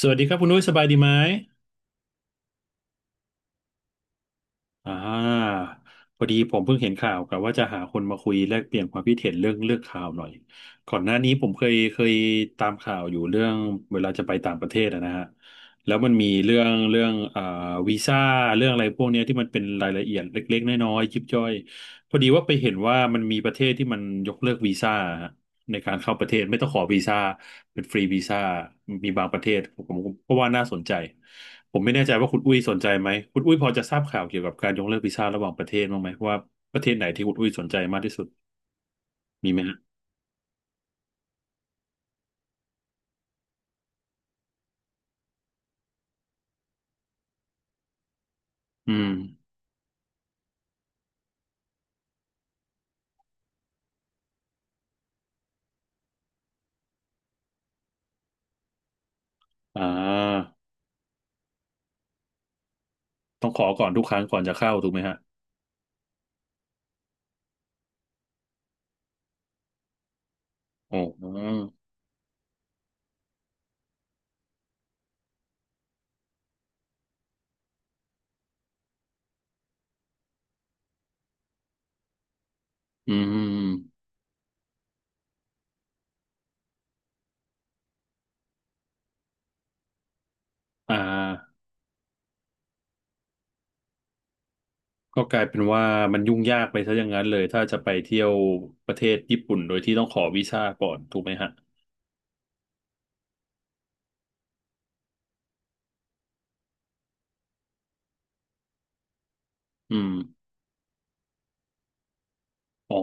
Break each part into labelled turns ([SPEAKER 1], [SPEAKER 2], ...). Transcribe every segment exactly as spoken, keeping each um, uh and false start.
[SPEAKER 1] สวัสดีครับคุณนุ้ยสบายดีไหมอ่าพอดีผมเพิ่งเห็นข่าวกับว่าจะหาคนมาคุยแลกเปลี่ยนความคิดเห็นเรื่องเลือกข่าวหน่อยก่อนหน้านี้ผมเคยเคยตามข่าวอยู่เรื่องเวลาจะไปต่างประเทศอะนะฮะแล้วมันมีเรื่องเรื่องอ่าวีซ่าเรื่องอะไรพวกเนี้ยที่มันเป็นรายละเอียดเล็กๆน้อยๆยิบย่อยพอดีว่าไปเห็นว่ามันมีประเทศที่มันยกเลิกวีซ่า ในการเข้าประเทศไม่ต้องขอวีซ่าเป็นฟรีวีซ่ามีบางประเทศผมผมก็ว่าน่าสนใจผมไม่แน่ใจว่าคุณอุ้ยสนใจไหมคุณอุ้ยพอจะทราบข่าวเกี่ยวกับการยกเลิกวีซ่าระหว่างประเทศบ้างไหมว่าประเทศไหนที่คุณอุ้ยสนใจมากที่สุดมีไหมฮะอืมอ่าต้องขอก่อนทุกครั้งก่อนจะเข้าถูกไหมฮะโอ้อืมอืมอมอ่าก็กลายเป็นว่ามันยุ่งยากไปซะอย่างนั้นเลยถ้าจะไปเที่ยวประเทศญี่ปุ่นโดยที่ต้องขอวีซ่าก่อนถูกไหมฮะอืมอ๋อ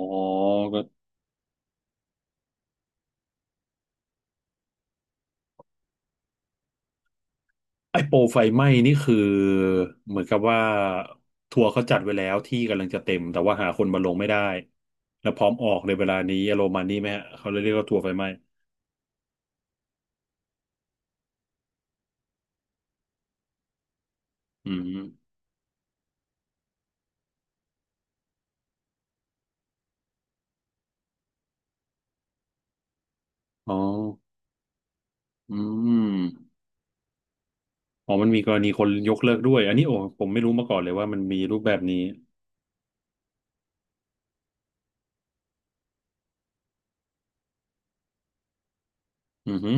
[SPEAKER 1] ไอ้โปรไฟไหม้นี่คือเหมือนกับว่าทัวร์เขาจัดไว้แล้วที่กำลังจะเต็มแต่ว่าหาคนมาลงไม่ได้แล้วพร้อมออกในเวลานี้อารมณ์ประมาณนี้ไหมฮะเขาเลยเรียกว่าทัวร์ไฟไหม้อืมอ๋ออืมอ๋อมันมีกรณีคนยกเลิกด้วยอันนี้โอ้ผมไม่รู้มาก่อนเลยว่ามันมีรูปแบบนี้อือฮึ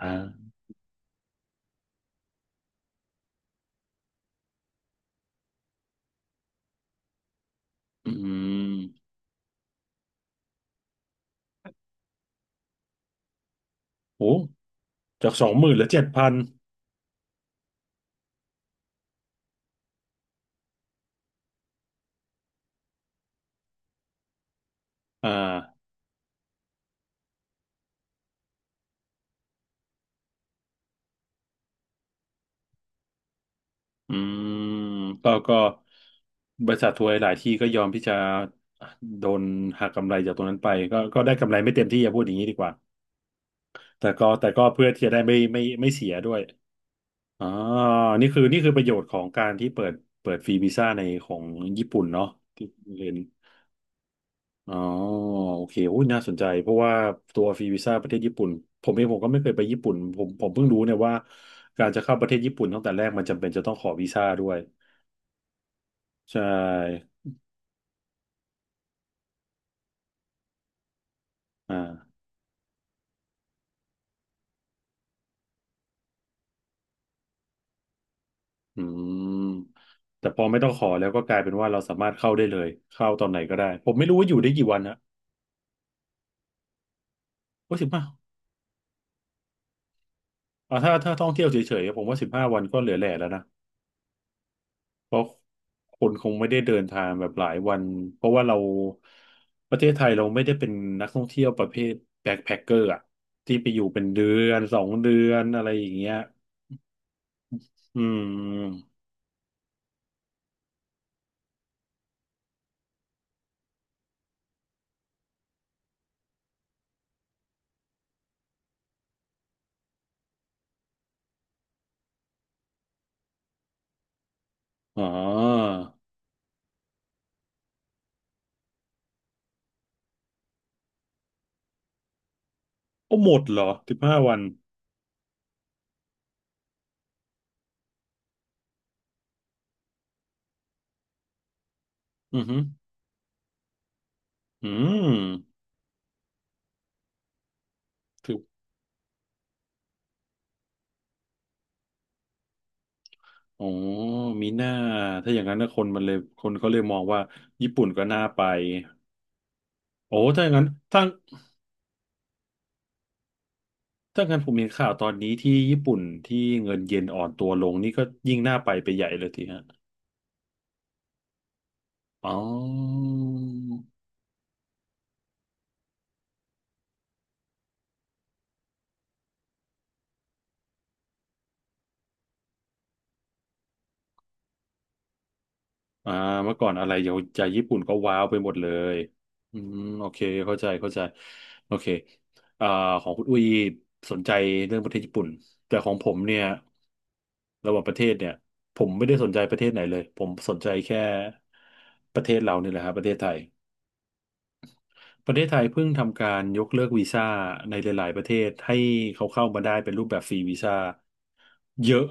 [SPEAKER 1] อ่าอืมโอ้จากสองหมื่นเหลือเจ็ดพันอ่า อืมก็ก็บริษัททัวร์หลายที่ก็ยอมที่จะโดนหักกำไรจากตรงนั้นไปก็ก็ได้กำไรไม่เต็มที่อย่าพูดอย่างนี้ดีกว่าแต่ก็แต่ก็เพื่อที่จะได้ไม่ไม่ไม่เสียด้วยอ๋อนี่คือนี่คือประโยชน์ของการที่เปิดเปิดฟรีวีซ่าในของญี่ปุ่นเนาะที่เรียนอ๋อโอเคโอ้ยน่าสนใจเพราะว่าตัวฟรีวีซ่าประเทศญี่ปุ่นผมเองผมก็ไม่เคยไปญี่ปุ่นผมผมเพิ่งรู้เนี่ยว่าการจะเข้าประเทศญี่ปุ่นตั้งแต่แรกมันจำเป็นจะต้องขอวีซ่าด้วยใช่อ่า อืมแต่พอไม่ต้องขอแล้วก็กลายเป็นว่าเราสามารถเข้าได้เลยเข้าตอนไหนก็ได้ผมไม่รู้ว่าอยู่ได้กี่วันนะว่าสิบห้าอ่าถ้าถ้าท่องเที่ยวเฉยๆผมว่าสิบห้าวันก็เหลือแหล่แล้วนะเพราะคนคงไม่ได้เดินทางแบบหลายวันเพราะว่าเราประเทศไทยเราไม่ได้เป็นนักท่องเที่ยวประเภทแบ็คแพ็คเกอร์อะที่ไปอยู่เป็นเดือนสองเดือนอะไรอย่างเงี้ยอืมอ๋อโอ้หมดเหรอสิบห้าวันอือหืออืม อ๋อมีหน้าถ้าอย่างนั้นนะคนมันเลยคนเขาเลยมองว่าญี่ปุ่นก็น่าไปโอ้ถ้าอย่างนั้นถ้าถ้างั้นผมเห็นข่าวตอนนี้ที่ญี่ปุ่นที่เงินเยนอ่อนตัวลงนี่ก็ยิ่งน่าไปไปใหญ่เลยทีฮะอ๋อ อ่าเมื่อก่อนอะไรเยาวใจญี่ปุ่นก็ว้าวไปหมดเลยอืมโอเคเข้าใจเข้าใจโอเคอ่าของคุณอุ้ยสนใจเรื่องประเทศญี่ปุ่นแต่ของผมเนี่ยระหว่างประเทศเนี่ยผมไม่ได้สนใจประเทศไหนเลยผมสนใจแค่ประเทศเราเนี่ยแหละครับประเทศไทย ประเทศไทยเพิ่งทำการยกเลิกวีซ่าในหลายๆประเทศให้เขาเข้ามาได้เป็นรูปแบบฟรีวีซ่าเยอะ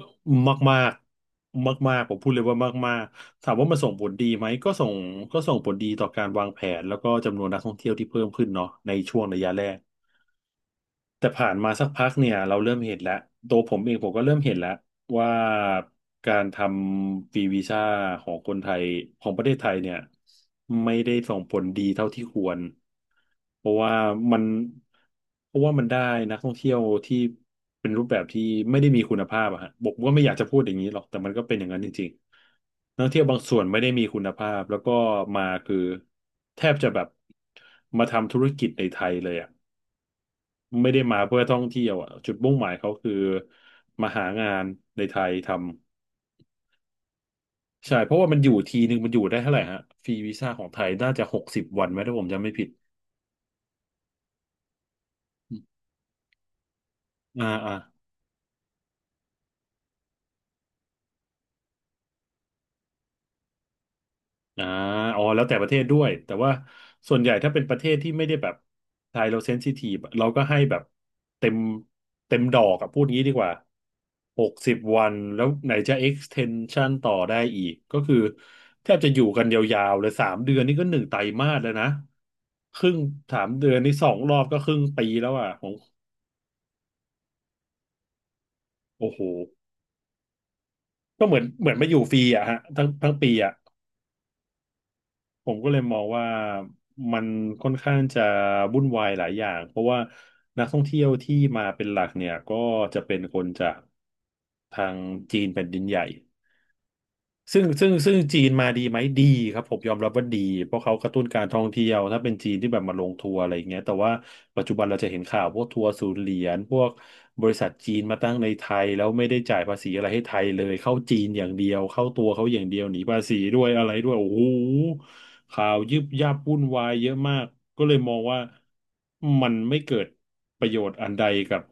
[SPEAKER 1] มากๆมากๆผมพูดเลยว่ามากๆถามว่ามันส่งผลดีไหมก็ส่งก็ส่งผลดีต่อการวางแผนแล้วก็จำนวนนักท่องเที่ยวที่เพิ่มขึ้นเนาะในช่วงระยะแรก แต่ผ่านมาสักพักเนี่ยเราเริ่มเห็นแล้วตัวผมเองผมก็เริ่มเห็นแล้วว่าการทำฟรีวีซ่าของคนไทยของประเทศไทยเนี่ยไม่ได้ส่งผลดีเท่าที่ควรเพราะว่ามันเพราะว่ามันได้นักท่องเที่ยวที่เป็นรูปแบบที่ไม่ได้มีคุณภาพอะฮะบอกว่าไม่อยากจะพูดอย่างนี้หรอกแต่มันก็เป็นอย่างนั้นจริงๆนักท่องเที่ยวบางส่วนไม่ได้มีคุณภาพแล้วก็มาคือแทบจะแบบมาทำธุรกิจในไทยเลยอะ ไม่ได้มาเพื่อท่องเที่ยวอ่ะจุดมุ่งหมายเขาคือมาหางานในไทยทำใช่เพราะว่ามันอยู่ทีนึงมันอยู่ได้เท่าไหร่ฮะฟรีวีซ่าของไทยน่าจะหกสิบวันไหมถ้าผมจำไม่ผิดอ่าอ่า อ่าอ๋อแล้วแต่ประเทศด้วยแต่ว่าส่วนใหญ่ถ้าเป็นประเทศที่ไม่ได้แบบไทยเราเซนซิทีฟเราก็ให้แบบเต็มเต็มดอกอะพูดงี้ดีกว่าหกสิบวันแล้วไหนจะ extension ต่อได้อีกก็คือแทบจะอยู่กันยาวๆเลยสามเดือนนี่ก็หนึ่งไตรมาสแล้วนะครึ่งสามเดือนนี่สองรอบก็ครึ่งปีแล้วอ่ะของโอ้โหก็เหมือนเหมือนมาอยู่ฟรีอะฮะทั้งทั้งปีอะ ผมก็เลยมองว่ามันค่อนข้างจะวุ่นวายหลายอย่างเพราะว่านักท่องเที่ยวที่มาเป็นหลักเนี่ยก็จะเป็นคนจากทางจีนแผ่นดินใหญ่ ซึ่งซึ่งซึ่งจีนมาดีไหมดีครับผมยอมรับว่าดีเพราะเขากระตุ้นการท่องเที่ยวถ้าเป็นจีนที่แบบมาลงทัวร์อะไรอย่างเงี้ยแต่ว่าปัจจุบันเราจะเห็นข่าวพวกทัวร์ศูนย์เหรียญพวกบริษัทจีนมาตั้งในไทยแล้วไม่ได้จ่ายภาษีอะไรให้ไทยเลยเข้าจีนอย่างเดียวเข้าตัวเขาอย่างเดียวหนีภาษีด้วยอะไรด้วยโอ้โหข่าวยึบยับวุ่นวายเยอะมากก็เลยมองว่ามันไม่เกิดประโยชน์อันใดกับ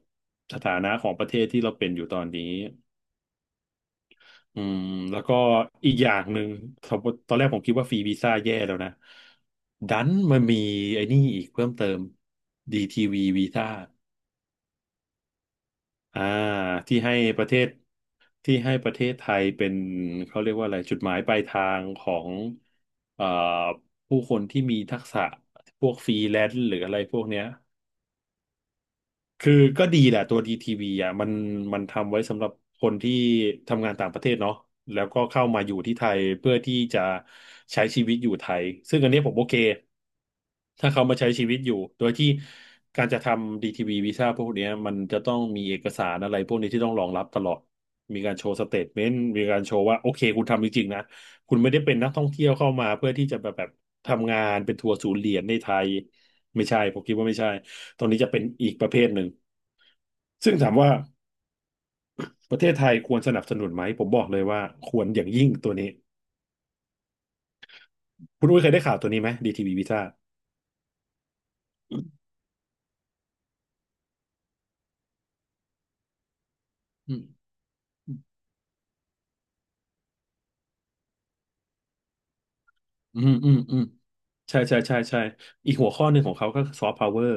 [SPEAKER 1] สถานะของประเทศที่เราเป็นอยู่ตอนนี้ อืมแล้วก็อีกอย่างหนึ่งสมมติตอนแรกผมคิดว่าฟรีวีซ่าแย่แล้วนะดันมันมีไอ้นี่อีกเพิ่มเติม ดี ที วี วีวีซ่าอ่าที่ให้ประเทศที่ให้ประเทศไทยเป็นเขาเรียกว่าอะไรจุดหมายปลายทางของเอ่อผู้คนที่มีทักษะพวกฟรีแลนซ์หรืออะไรพวกเนี้ย คือก็ดีแหละตัวดีทีวีอ่ะมันมันทำไว้สำหรับคนที่ทำงานต่างประเทศเนาะแล้วก็เข้ามาอยู่ที่ไทยเพื่อที่จะใช้ชีวิตอยู่ไทยซึ่งอันนี้ผมโอเคถ้าเขามาใช้ชีวิตอยู่โดยที่การจะทำดีทีวีวีซ่าพวกเนี้ยมันจะต้องมีเอกสารอะไรพวกนี้ที่ต้องรองรับตลอดมีการโชว์สเตทเมนต์มีการโชว์ว่าโอเคคุณทำจริงๆนะคุณไม่ได้เป็นนักท่องเที่ยวเข้ามาเพื่อที่จะแบบแบบทำงานเป็นทัวร์ศูนย์เหรียญในไทยไม่ใช่ผมคิดว่าไม่ใช่ตรงนี้จะเป็นอีกประเภทหนึ่ง ซึ่งถามว่าประเทศไทยควรสนับสนุนไหมผมบอกเลยว่าควรอย่างยิ่งตัวนี้คุณอุ้ยเคยได้ข่าวตัวนี้ไหมดีทีวีวีซ่าอืมอืมอืมอืมใช่ใช่ใช่ใช่อีกหัวข้อหนึ่งของเขาก็คือซอฟต์พาวเวอร์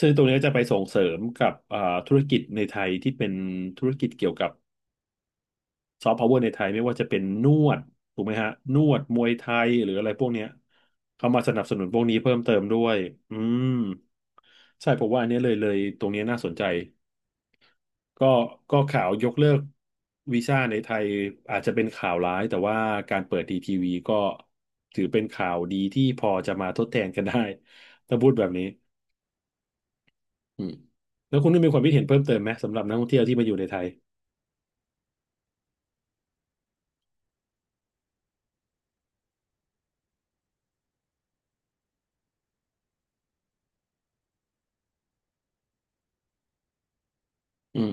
[SPEAKER 1] ซึ่งตรงนี้จะไปส่งเสริมกับอ่าธุรกิจในไทยที่เป็นธุรกิจเกี่ยวกับซอฟต์พาวเวอร์ในไทยไม่ว่าจะเป็นนวดถูกไหมฮะนวดมวยไทยหรืออะไรพวกเนี้ยเขามาสนับสนุนพวกนี้เพิ่มเติมด้วยอืมใช่ผมว่าอันเนี้ยเลยเลยตรงเนี้ยน่าสนใจ ก็ก็ข่าวยกเลิกวีซ่าในไทยอาจจะเป็นข่าวร้ายแต่ว่าการเปิดดีทีวีก็ถือเป็นข่าวดีที่พอจะมาทดแทนกันได้ ถ้าพูดแบบนี้อืมแล้วคุณได้มีความคิดเห็นเพิ่มเติมไหมสำหรับนักท่องเที่ยวที่มาอยู่ในไทยอืม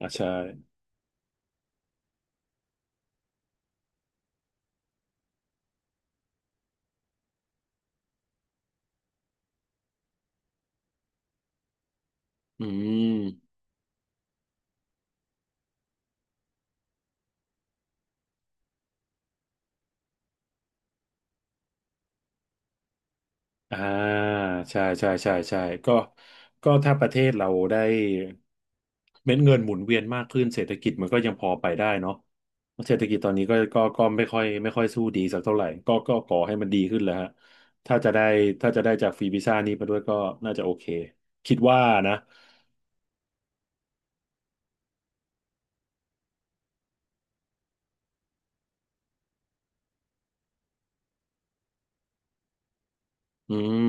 [SPEAKER 1] อ่าใช่อืม อ่าใช่ใช่ใช่ใช่ก็ก็ถ้าประเทศเราได้เม็ดเงินหมุนเวียนมากขึ้นเศรษฐกิจมันก็ยังพอไปได้เนาะเศรษฐกิจตอนนี้ก็ก็ก็ไม่ค่อยไม่ค่อยสู้ดีสักเท่าไหร่ก็ก็ขอให้มันดีขึ้นแหล้วฮะถ้าจะได้ถ้าจะได้จากฟรีวีซ่านี้มาด้วยก็น่าจะโอเคคิดว่านะอืม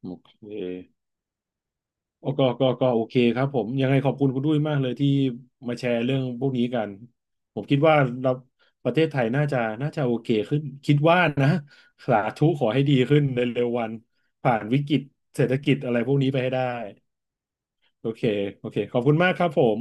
[SPEAKER 1] โอเค โอ้ก็ก็ก็โอเคครับผมยังไงขอบคุณคุณด้วยมากเลยที่มาแชร์เรื่องพวกนี้กันผมคิดว่าเราประเทศไทยน่าจะน่าจะโอเคขึ้นคิดว่านะสาธุขอให้ดีขึ้นในเร็ววันผ่านวิกฤตเศรษฐกิจอะไรพวกนี้ไปให้ได้โอเคโอเคขอบคุณมากครับผม